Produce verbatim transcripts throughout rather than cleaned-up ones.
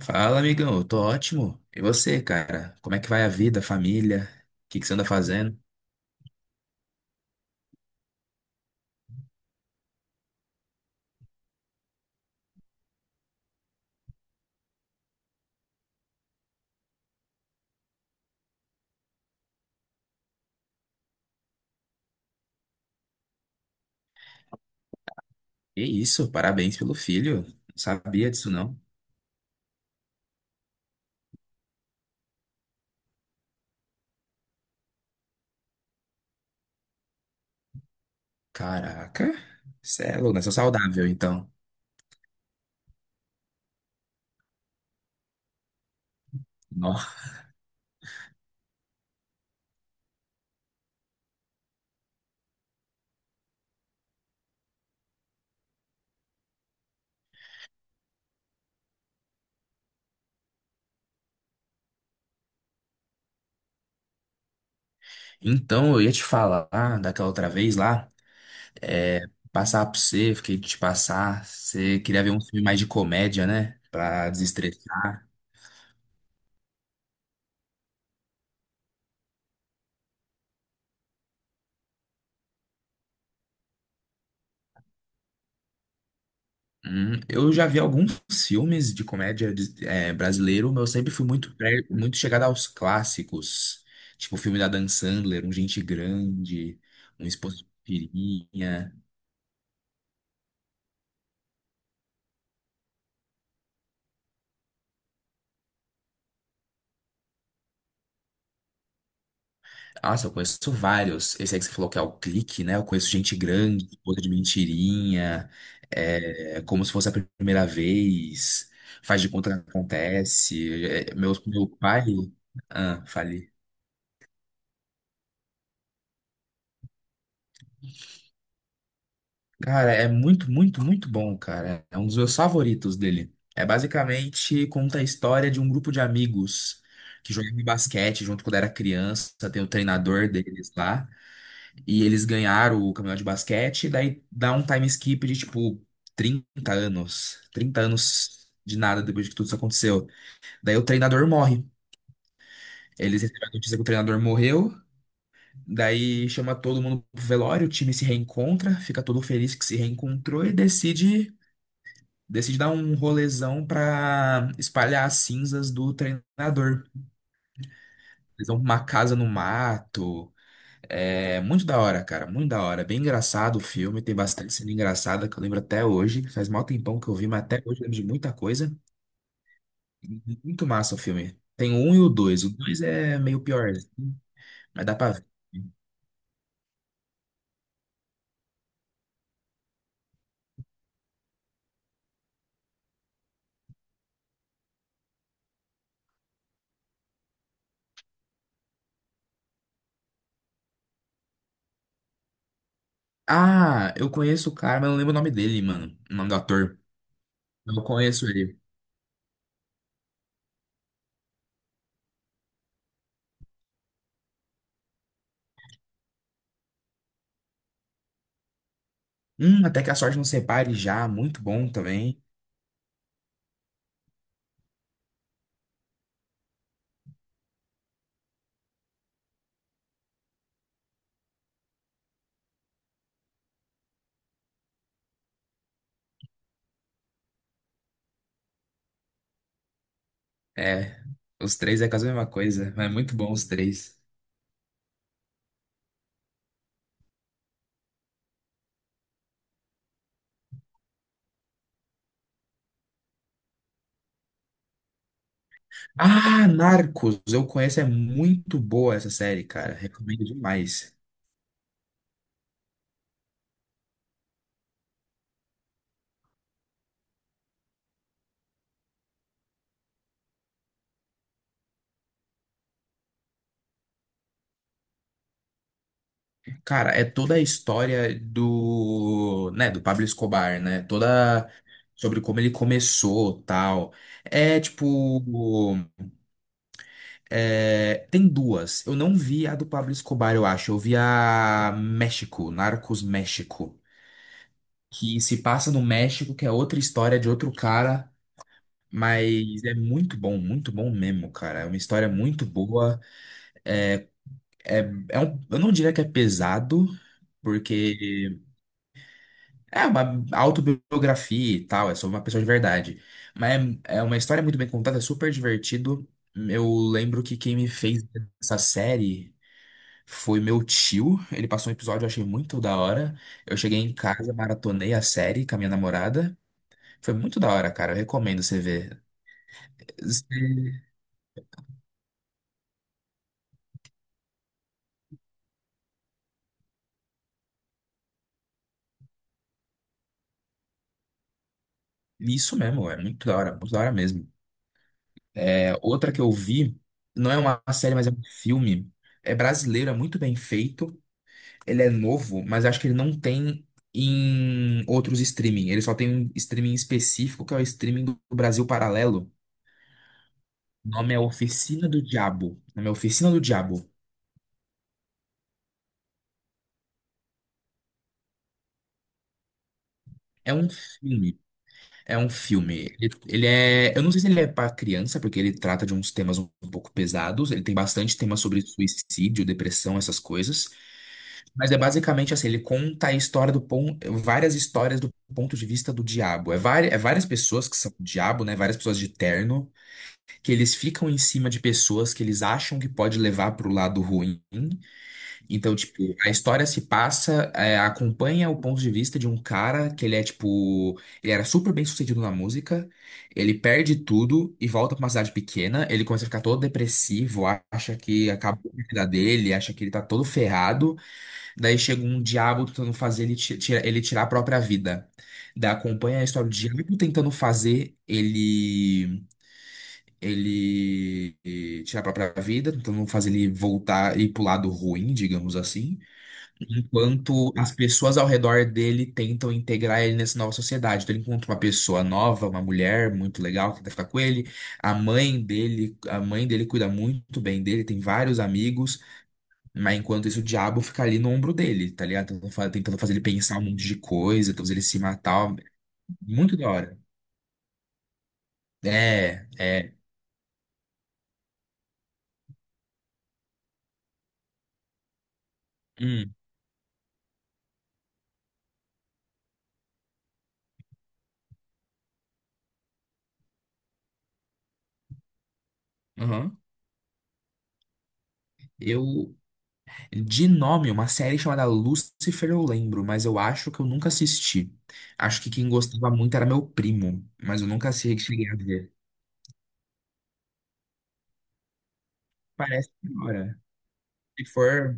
Fala, amigão, eu tô ótimo. E você, cara? Como é que vai a vida, a família? O que que você anda fazendo? Que isso, parabéns pelo filho. Não sabia disso, não. Caraca, cê é louco, né? Sou saudável, então. Nó. Então, eu ia te falar daquela outra vez lá. É, Passar pra você, fiquei de te passar. Você queria ver um filme mais de comédia, né? Pra desestressar. Hum, eu já vi alguns filmes de comédia de- é, brasileiro, mas eu sempre fui muito, pre- muito chegado aos clássicos. Tipo o filme da Dan Sandler, Um Gente Grande, Um Esposo de Pirinha. Nossa, eu conheço vários. Esse aí que você falou que é o clique, né? Eu conheço gente grande, outra de mentirinha, é, como se fosse a primeira vez, faz de conta que acontece. É, meu, meu pai. Ah, falei. Cara, é muito, muito, muito bom, cara. É um dos meus favoritos dele. É basicamente conta a história de um grupo de amigos que jogava basquete junto quando era criança. Tem o treinador deles lá. E eles ganharam o campeonato de basquete, e daí dá um time skip de tipo trinta anos. Trinta anos de nada depois que tudo isso aconteceu. Daí o treinador morre. Eles recebem a notícia que o treinador morreu, daí chama todo mundo pro velório, o time se reencontra, fica todo feliz que se reencontrou e decide, decide dar um rolezão pra espalhar as cinzas do treinador. Eles vão pra uma casa no mato. É muito da hora, cara, muito da hora. Bem engraçado o filme, tem bastante cena engraçada que eu lembro até hoje. Faz mal tempão que eu vi, mas até hoje eu lembro de muita coisa. E muito massa o filme. Tem o um e o dois. O dois é meio pior, mas dá pra ver. Ah, eu conheço o cara, mas não lembro o nome dele, mano. O nome do ator. Eu conheço ele. Hum, Até que a Sorte Não Separe já, muito bom também. É, os três é quase a mesma coisa, mas é muito bom os três. Ah, Narcos, eu conheço, é muito boa essa série, cara. Recomendo demais. Cara, é toda a história do, né, do Pablo Escobar, né? Toda sobre como ele começou, tal. É tipo, é, tem duas. Eu não vi a do Pablo Escobar, eu acho. Eu vi a México, Narcos México, que se passa no México, que é outra história de outro cara, mas é muito bom, muito bom mesmo, cara. É uma história muito boa. É, é um, eu não diria que é pesado, porque é uma autobiografia e tal, é sobre uma pessoa de verdade. Mas é, é uma história muito bem contada, é super divertido. Eu lembro que quem me fez essa série foi meu tio. Ele passou um episódio, eu achei muito da hora. Eu cheguei em casa, maratonei a série com a minha namorada. Foi muito da hora, cara. Eu recomendo você ver. Isso mesmo, é muito da hora, muito da hora mesmo. É, outra que eu vi, não é uma série, mas é um filme. É brasileiro, é muito bem feito. Ele é novo, mas acho que ele não tem em outros streaming. Ele só tem um streaming específico, que é o streaming do Brasil Paralelo. O nome é Oficina do Diabo. O nome é Oficina do Diabo. É um filme. É um filme. Ele, ele é. Eu não sei se ele é para criança, porque ele trata de uns temas um pouco pesados. Ele tem bastante tema sobre suicídio, depressão, essas coisas. Mas é basicamente assim, ele conta a história do ponto, várias histórias do ponto de vista do diabo. É, vari- é várias pessoas que são o diabo, né? Várias pessoas de terno, que eles ficam em cima de pessoas que eles acham que pode levar pro lado ruim. Então, tipo, a história se passa, é, acompanha o ponto de vista de um cara que ele é tipo, ele era super bem sucedido na música, ele perde tudo e volta pra uma cidade pequena, ele começa a ficar todo depressivo, acha que acabou a vida dele, acha que ele tá todo ferrado. Daí chega um diabo tentando fazer ele, ti- tira- ele tirar a própria vida. Daí acompanha a história do diabo tentando fazer ele ele eh, tirar a própria vida, tentando fazer ele voltar e ir pro lado ruim, digamos assim, enquanto as pessoas ao redor dele tentam integrar ele nessa nova sociedade. Então ele encontra uma pessoa nova, uma mulher muito legal que tenta ficar com ele, a mãe dele, a mãe dele cuida muito bem dele, tem vários amigos. Mas enquanto isso, o diabo fica ali no ombro dele, tá ligado? Tentando fa- tentando fazer ele pensar um monte de coisa, tentando fazer ele se matar. Muito da hora. É, é. Hum, aham. Eu, de nome, uma série chamada Lucifer eu lembro, mas eu acho que eu nunca assisti. Acho que quem gostava muito era meu primo, mas eu nunca assi- cheguei a ver. Parece que hora. Se for,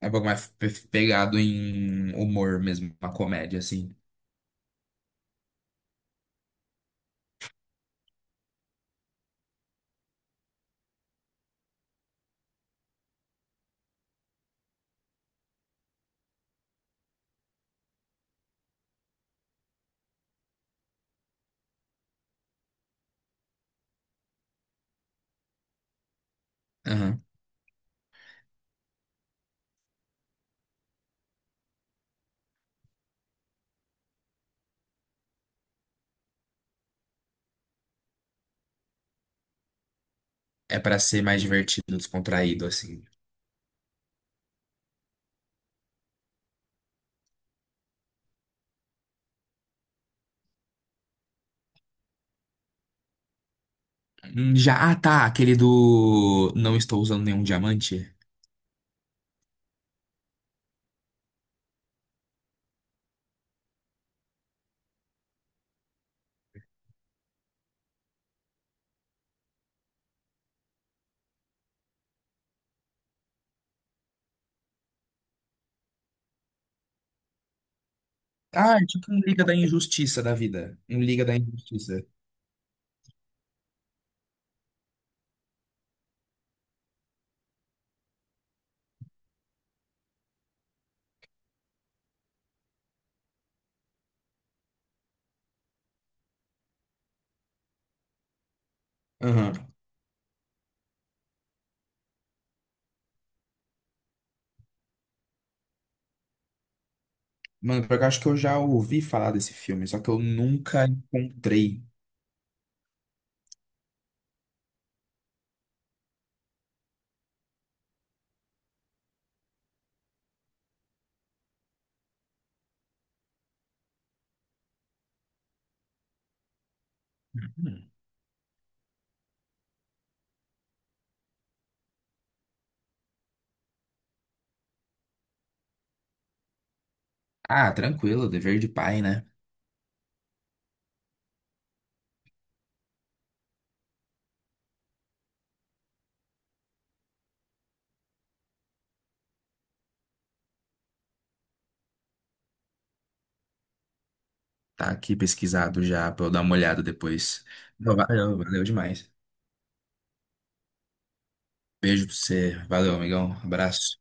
é um pouco mais pe- pegado em humor mesmo, uma comédia, assim. Aham. É pra ser mais divertido, descontraído, assim. Hum, Já, ah, tá, aquele do não estou usando nenhum diamante. Ah, é tipo um Liga da Injustiça da vida. Um Liga da Injustiça. Aham. Mano, porque eu acho que eu já ouvi falar desse filme, só que eu nunca encontrei. Hum. Ah, tranquilo, dever de pai, né? Tá aqui pesquisado já pra eu dar uma olhada depois. Não, valeu, valeu demais. Beijo pra você. Valeu, amigão. Abraço.